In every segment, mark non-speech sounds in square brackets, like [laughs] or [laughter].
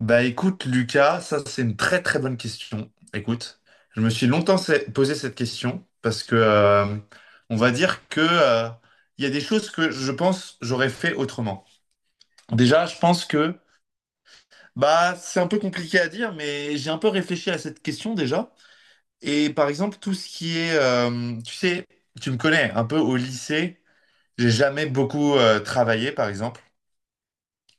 Bah écoute, Lucas, ça c'est une très très bonne question. Écoute, je me suis longtemps posé cette question parce que on va dire que il y a des choses que je pense j'aurais fait autrement. Déjà, je pense que bah c'est un peu compliqué à dire, mais j'ai un peu réfléchi à cette question déjà. Et par exemple, tout ce qui est, tu sais, tu me connais un peu au lycée, j'ai jamais beaucoup travaillé par exemple.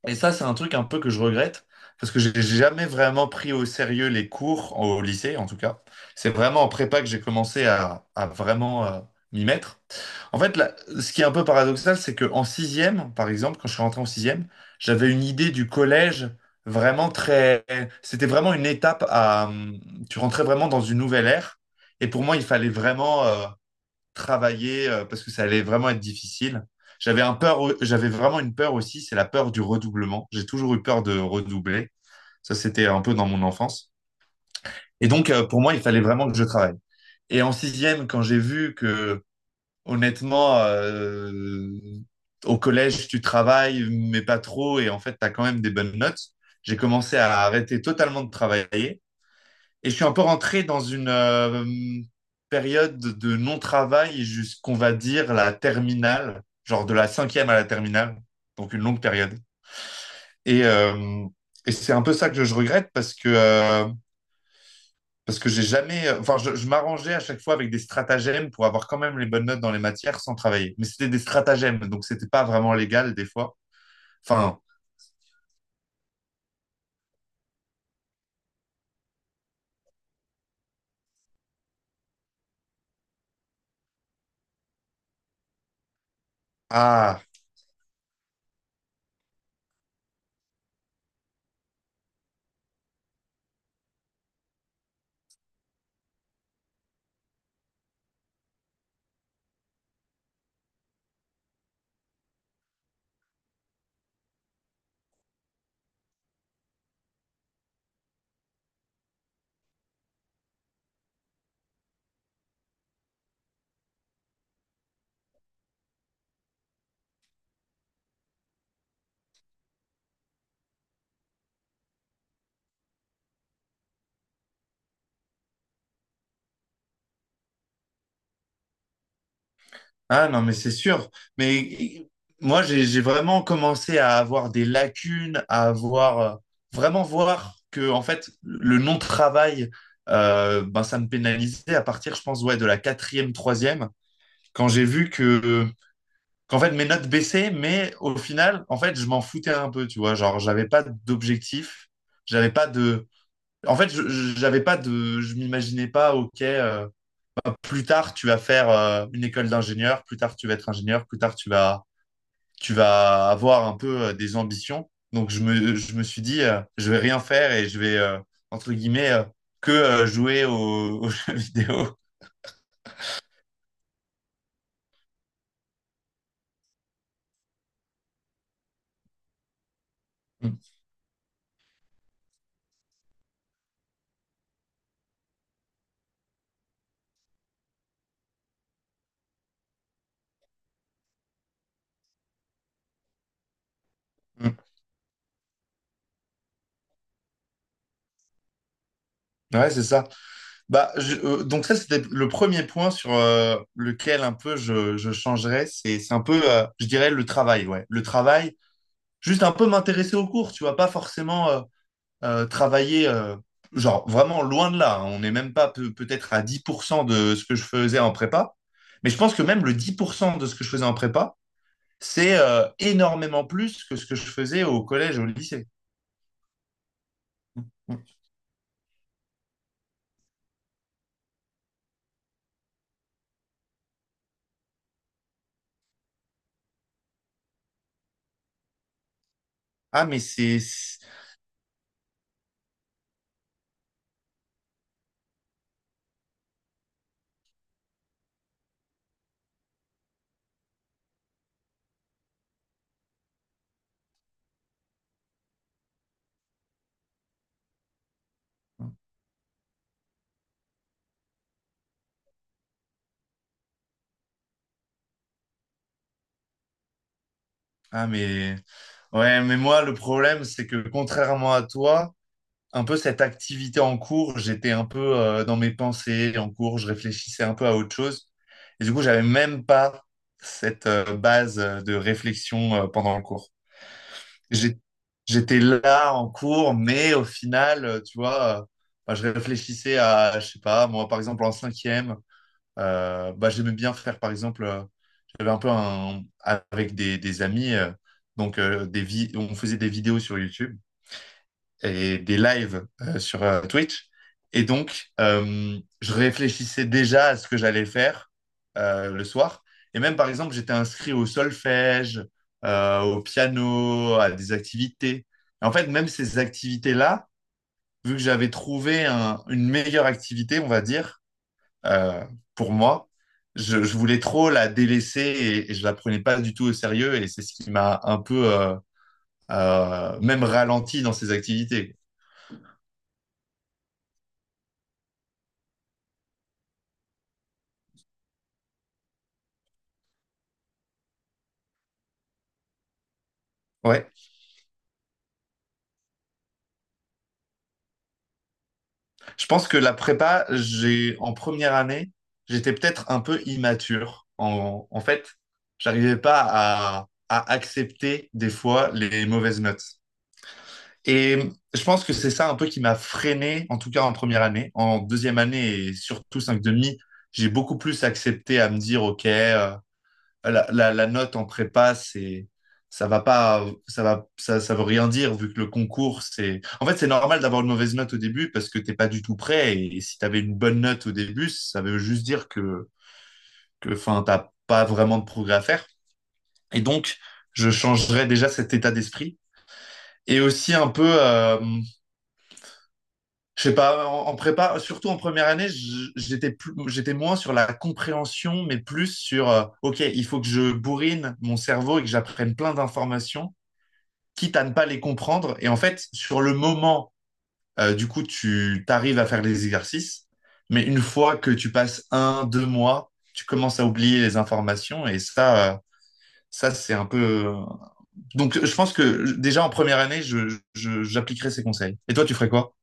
Et ça, c'est un truc un peu que je regrette, parce que j'ai jamais vraiment pris au sérieux les cours, au lycée en tout cas. C'est vraiment en prépa que j'ai commencé à vraiment m'y mettre. En fait, là, ce qui est un peu paradoxal, c'est qu'en sixième, par exemple, quand je suis rentré en sixième, j'avais une idée du collège vraiment très. C'était vraiment une étape à, tu rentrais vraiment dans une nouvelle ère, et pour moi, il fallait vraiment, travailler parce que ça allait vraiment être difficile. J'avais un peur, j'avais vraiment une peur aussi, c'est la peur du redoublement. J'ai toujours eu peur de redoubler. Ça, c'était un peu dans mon enfance. Et donc, pour moi, il fallait vraiment que je travaille. Et en sixième, quand j'ai vu que, honnêtement, au collège, tu travailles, mais pas trop, et en fait, tu as quand même des bonnes notes, j'ai commencé à arrêter totalement de travailler et je suis un peu rentré dans une période de non-travail jusqu'on va dire la terminale, genre de la cinquième à la terminale, donc une longue période. Et, euh, et c'est un peu ça que je regrette parce que, j'ai jamais, enfin, je m'arrangeais à chaque fois avec des stratagèmes pour avoir quand même les bonnes notes dans les matières sans travailler. Mais c'était des stratagèmes, donc c'était pas vraiment légal des fois. Enfin. À Ah non, mais c'est sûr. Mais moi, j'ai vraiment commencé à avoir des lacunes, à avoir vraiment voir que en fait le non-travail, ben, ça me pénalisait à partir, je pense, ouais, de la quatrième, troisième, quand j'ai vu que qu'en fait mes notes baissaient, mais au final, en fait, je m'en foutais un peu, tu vois, genre j'avais pas d'objectif, j'avais pas de, en fait, j'avais pas de, je m'imaginais pas, ok. Plus tard, tu vas faire une école d'ingénieur, plus tard, tu vas être ingénieur, plus tard, tu vas avoir un peu des ambitions. Donc, je me suis dit, je vais rien faire et je vais, entre guillemets, que jouer aux [laughs] jeux vidéo. Mm, mm. Ouais, c'est ça. Bah, donc ça, c'était le premier point sur lequel un peu je changerais. C'est un peu, je dirais, le travail, ouais. Le travail, juste un peu m'intéresser au cours, tu vois, pas forcément. Travailler, genre vraiment loin de là. Hein. On n'est même pas peut-être à 10% de ce que je faisais en prépa. Mais je pense que même le 10% de ce que je faisais en prépa, c'est énormément plus que ce que je faisais au collège, au lycée. Ah, mais c'est. Ah, mais. Ouais, mais moi, le problème, c'est que contrairement à toi, un peu cette activité en cours, j'étais un peu dans mes pensées en cours, je réfléchissais un peu à autre chose. Et du coup, j'avais même pas cette base de réflexion pendant le cours. J'ai- J'étais là en cours, mais au final, tu vois, bah, je réfléchissais à, je sais pas, moi, par exemple, en cinquième, bah, j'aimais bien faire, par exemple, j'avais un peu un, avec des amis, donc on faisait des vidéos sur YouTube et des lives sur Twitch. Et donc, je réfléchissais déjà à ce que j'allais faire le soir. Et même, par exemple, j'étais inscrit au solfège, au piano, à des activités. Et en fait, même ces activités-là, vu que j'avais trouvé une meilleure activité, on va dire, euh, pour moi, je voulais trop la délaisser et je la prenais pas du tout au sérieux. Et c'est ce qui m'a un peu même ralenti dans ces activités. Ouais, je pense que la prépa, j'ai en première année, j'étais peut-être un peu immature. En fait, j'arrivais pas à accepter des fois les mauvaises notes. Et je pense que c'est ça un peu qui m'a freiné, en tout cas en première année. En deuxième année et surtout 5/2, j'ai beaucoup plus accepté à me dire, OK, la note en prépa, c'est ça va pas, ça va, ça veut rien dire vu que le concours, c'est. En fait, c'est normal d'avoir une mauvaise note au début parce que t'es pas du tout prêt. Et si t'avais une bonne note au début, ça veut juste dire que, enfin, t'as pas vraiment de progrès à faire. Et donc, je changerais déjà cet état d'esprit. Et aussi un peu, je sais pas, prépa, surtout en première année, j'étais plus, j'étais moins sur la compréhension, mais plus sur, ok, il faut que je bourrine mon cerveau et que j'apprenne plein d'informations quitte à ne pas les comprendre. Et en fait, sur le moment, du coup, tu arrives à faire les exercices, mais une fois que tu passes 1, 2 mois, tu commences à oublier les informations et ça c'est un peu. Donc, je pense que déjà en première année, j'appliquerai ces conseils. Et toi, tu ferais quoi?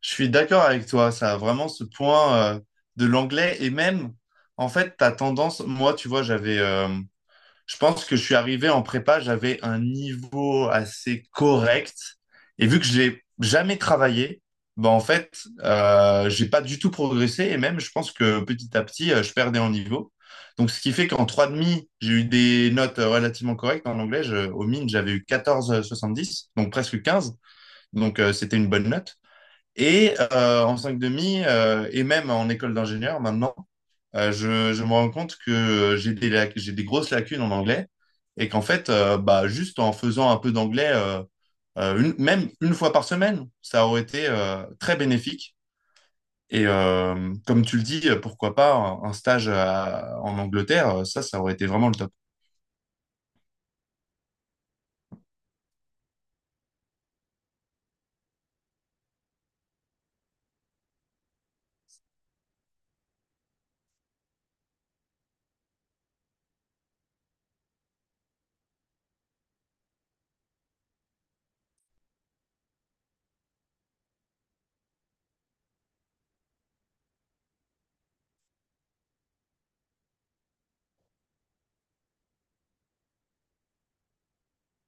Je suis d'accord avec toi, ça a vraiment ce point de l'anglais et même, en fait, ta tendance, moi, tu vois, j'avais, je pense que je suis arrivé en prépa, j'avais un niveau assez correct. Et vu que je n'ai jamais travaillé, ben en fait, j'ai pas du tout progressé. Et même, je pense que petit à petit, je perdais en niveau. Donc, ce qui fait qu'en 3/2, j'ai eu des notes relativement correctes en anglais. Au mine, j'avais eu 14,70, donc presque 15. Donc, c'était une bonne note. Et en 5,5, et même en école d'ingénieur, maintenant, je me rends compte que j'ai des grosses lacunes en anglais et qu'en fait, bah, juste en faisant un peu d'anglais, même une fois par semaine, ça aurait été très bénéfique. Et comme tu le dis, pourquoi pas un stage en Angleterre, ça aurait été vraiment le top.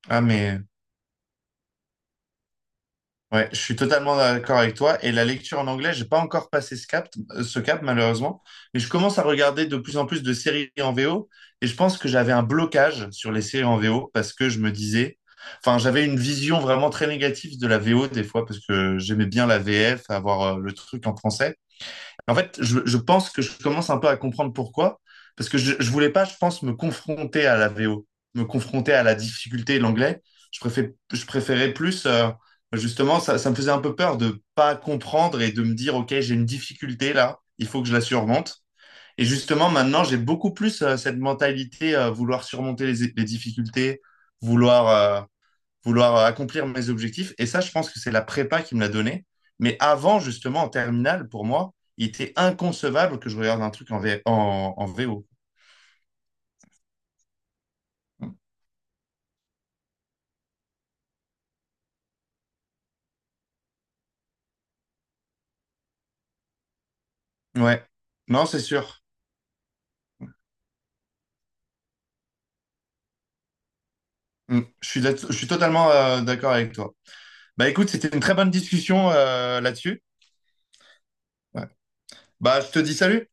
Ah, mais. Ouais, je suis totalement d'accord avec toi. Et la lecture en anglais, j'ai pas encore passé ce cap malheureusement. Mais je commence à regarder de plus en plus de séries en VO. Et je pense que j'avais un blocage sur les séries en VO parce que je me disais, enfin, j'avais une vision vraiment très négative de la VO des fois parce que j'aimais bien la VF, avoir le truc en français. En fait, je pense que je commence un peu à comprendre pourquoi. Parce que je voulais pas, je pense, me confronter à la VO, me confronter à la difficulté de l'anglais. Je préfère, je préférais plus, justement, ça me faisait un peu peur de pas comprendre et de me dire, OK, j'ai une difficulté là, il faut que je la surmonte. Et justement, maintenant, j'ai beaucoup plus cette mentalité, vouloir surmonter les difficultés, vouloir, vouloir accomplir mes objectifs. Et ça, je pense que c'est la prépa qui me l'a donné. Mais avant, justement, en terminale, pour moi, il était inconcevable que je regarde un truc en VO. Ouais, non, c'est sûr. Mm. Je suis totalement d'accord avec toi. Bah écoute, c'était une très bonne discussion là-dessus. Ouais. Bah, je te dis salut.